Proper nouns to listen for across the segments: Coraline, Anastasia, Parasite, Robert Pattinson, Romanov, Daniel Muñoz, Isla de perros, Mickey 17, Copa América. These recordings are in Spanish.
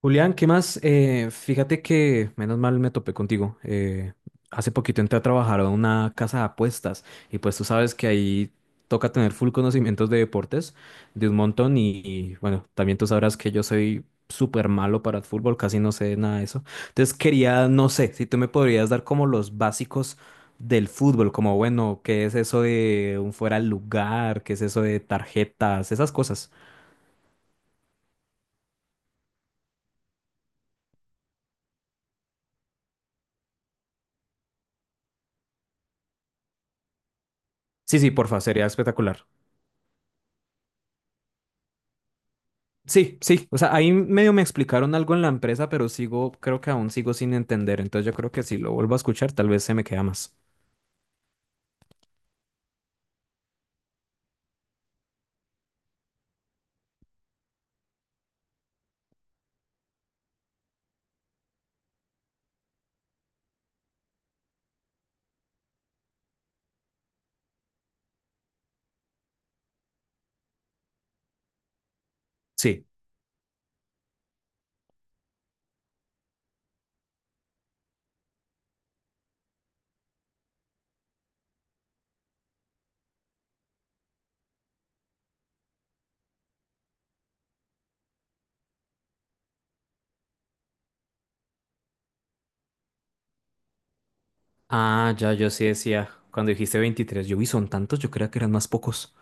Julián, ¿qué más? Fíjate que menos mal me topé contigo. Hace poquito entré a trabajar a una casa de apuestas y pues tú sabes que ahí toca tener full conocimientos de deportes, de un montón y, bueno, también tú sabrás que yo soy súper malo para el fútbol, casi no sé nada de eso. Entonces quería, no sé, si tú me podrías dar como los básicos del fútbol, como bueno, ¿qué es eso de un fuera de lugar? ¿Qué es eso de tarjetas? Esas cosas. Sí, sí, porfa, sería espectacular. Sí, sí, o sea, ahí medio me explicaron algo en la empresa, pero sigo, creo que aún sigo sin entender, entonces yo creo que si lo vuelvo a escuchar, tal vez se me queda más. Sí. Ah, ya, yo sí decía, cuando dijiste 23, yo vi son tantos, yo creía que eran más pocos.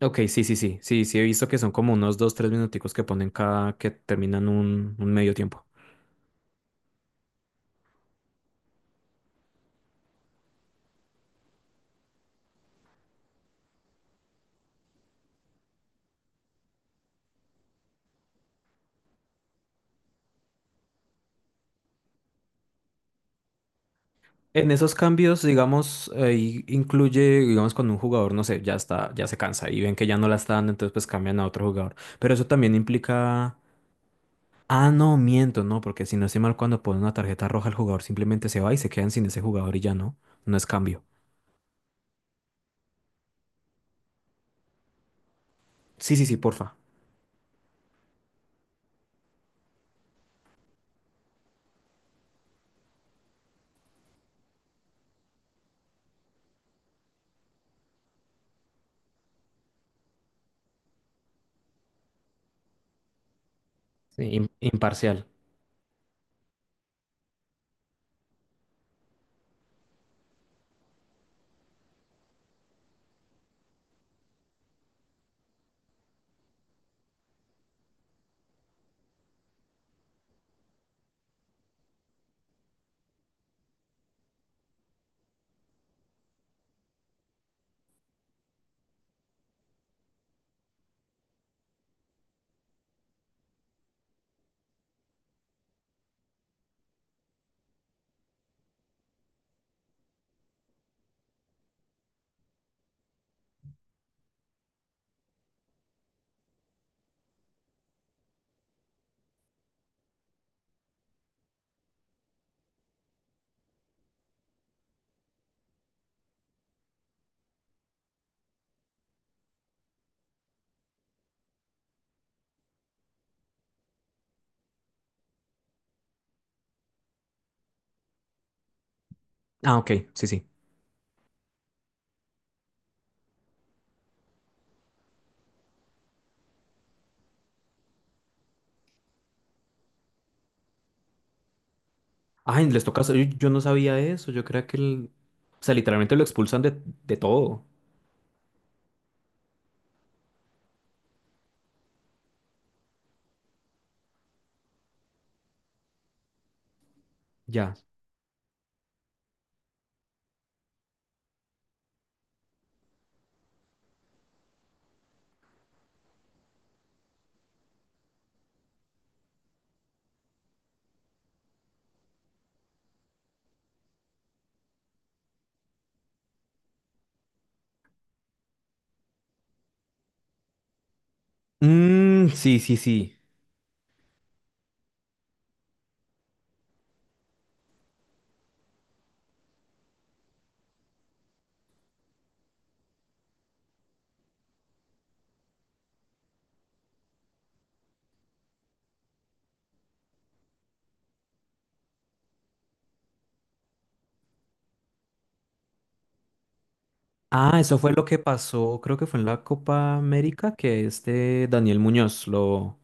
Ok, sí, sí, sí, sí, sí, he visto que son como unos dos, tres minuticos que ponen cada, que terminan un medio tiempo. En esos cambios, digamos, ahí incluye, digamos, cuando un jugador, no sé, ya está, ya se cansa y ven que ya no la está dando, entonces pues cambian a otro jugador. Pero eso también implica… Ah, no, miento, no, porque si no estoy mal, cuando ponen una tarjeta roja, el jugador simplemente se va y se quedan sin ese jugador y ya no. No es cambio. Sí, sí, sí, porfa. Sí, Imparcial. Ah, ok, sí, sí. Ay, les toca. Yo no sabía eso. Yo creía que el… O sea, literalmente lo expulsan de todo. Ya. Mm, sí, sí, sí. Ah, eso fue lo que pasó, creo que fue en la Copa América, que este Daniel Muñoz lo…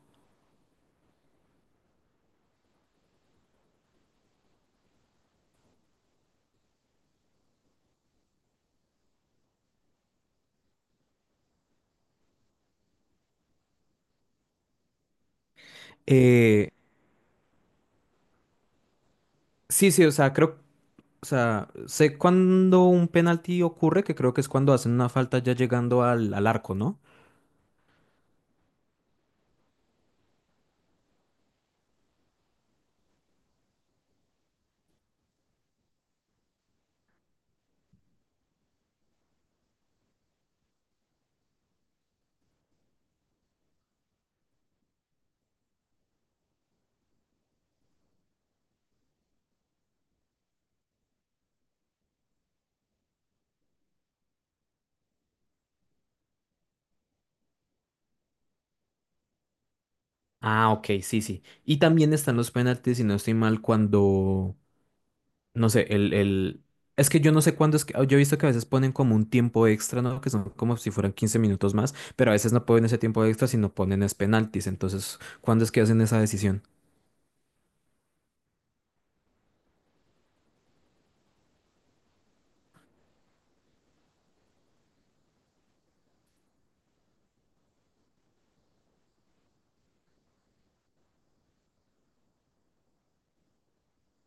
Eh, sí, sí, o sea, creo. O sea, sé cuándo un penalti ocurre, que creo que es cuando hacen una falta ya llegando al arco, ¿no? Ah, ok, sí, sí. Y también están los penaltis, si no estoy mal, cuando, no sé, Es que yo no sé cuándo es que… Yo he visto que a veces ponen como un tiempo extra, ¿no? Que son como si fueran 15 minutos más, pero a veces no ponen ese tiempo extra, sino ponen es penaltis. Entonces, ¿cuándo es que hacen esa decisión?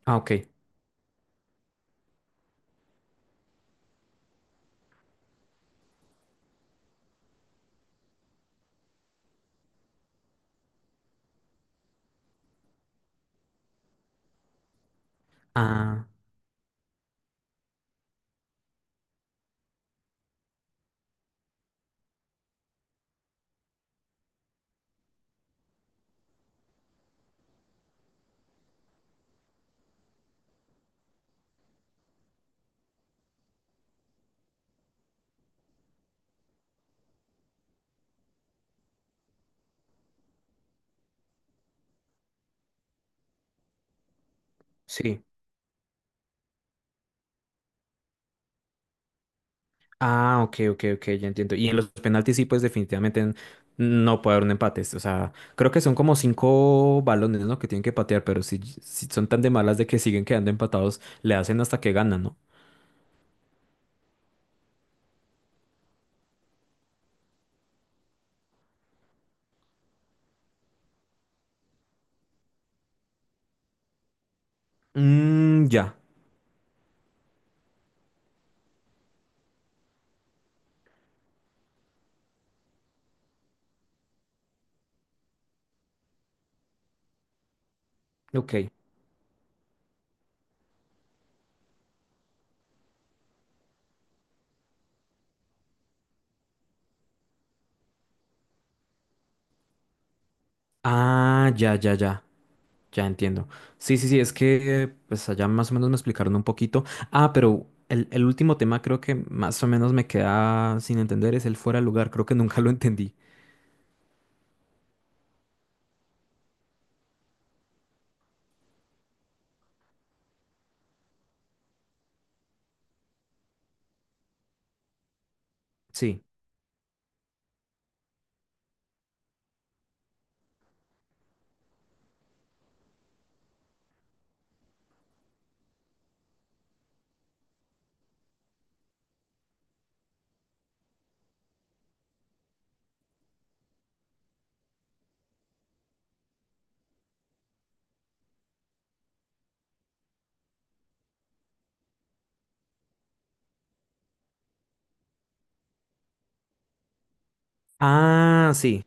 Ah, ok. Ah, sí. Ah, ok, ok, ok, ya entiendo. Y en los penaltis sí, pues definitivamente no puede haber un empate. O sea, creo que son como cinco balones, ¿no? Que tienen que patear, pero si son tan de malas de que siguen quedando empatados, le hacen hasta que ganan, ¿no? Mmm, ya, ok. Ah, ya, ya, ya, ya entiendo. Sí, sí, sí, es que pues allá más o menos me explicaron un poquito. Ah, pero el último tema creo que más o menos me queda sin entender es el fuera de lugar. Creo que nunca lo entendí. Sí. Ah, sí.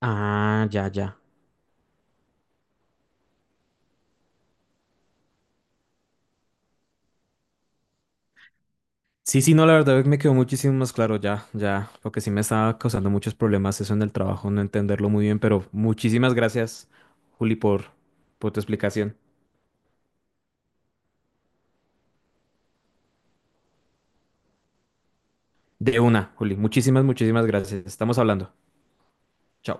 Ah, ya, ya. Sí, sí, no, la verdad me quedó muchísimo más claro ya, ya, porque sí me estaba causando muchos problemas eso en el trabajo, no entenderlo muy bien, pero muchísimas gracias, Juli, por tu explicación. De una, Juli, muchísimas, muchísimas gracias. Estamos hablando. Chao.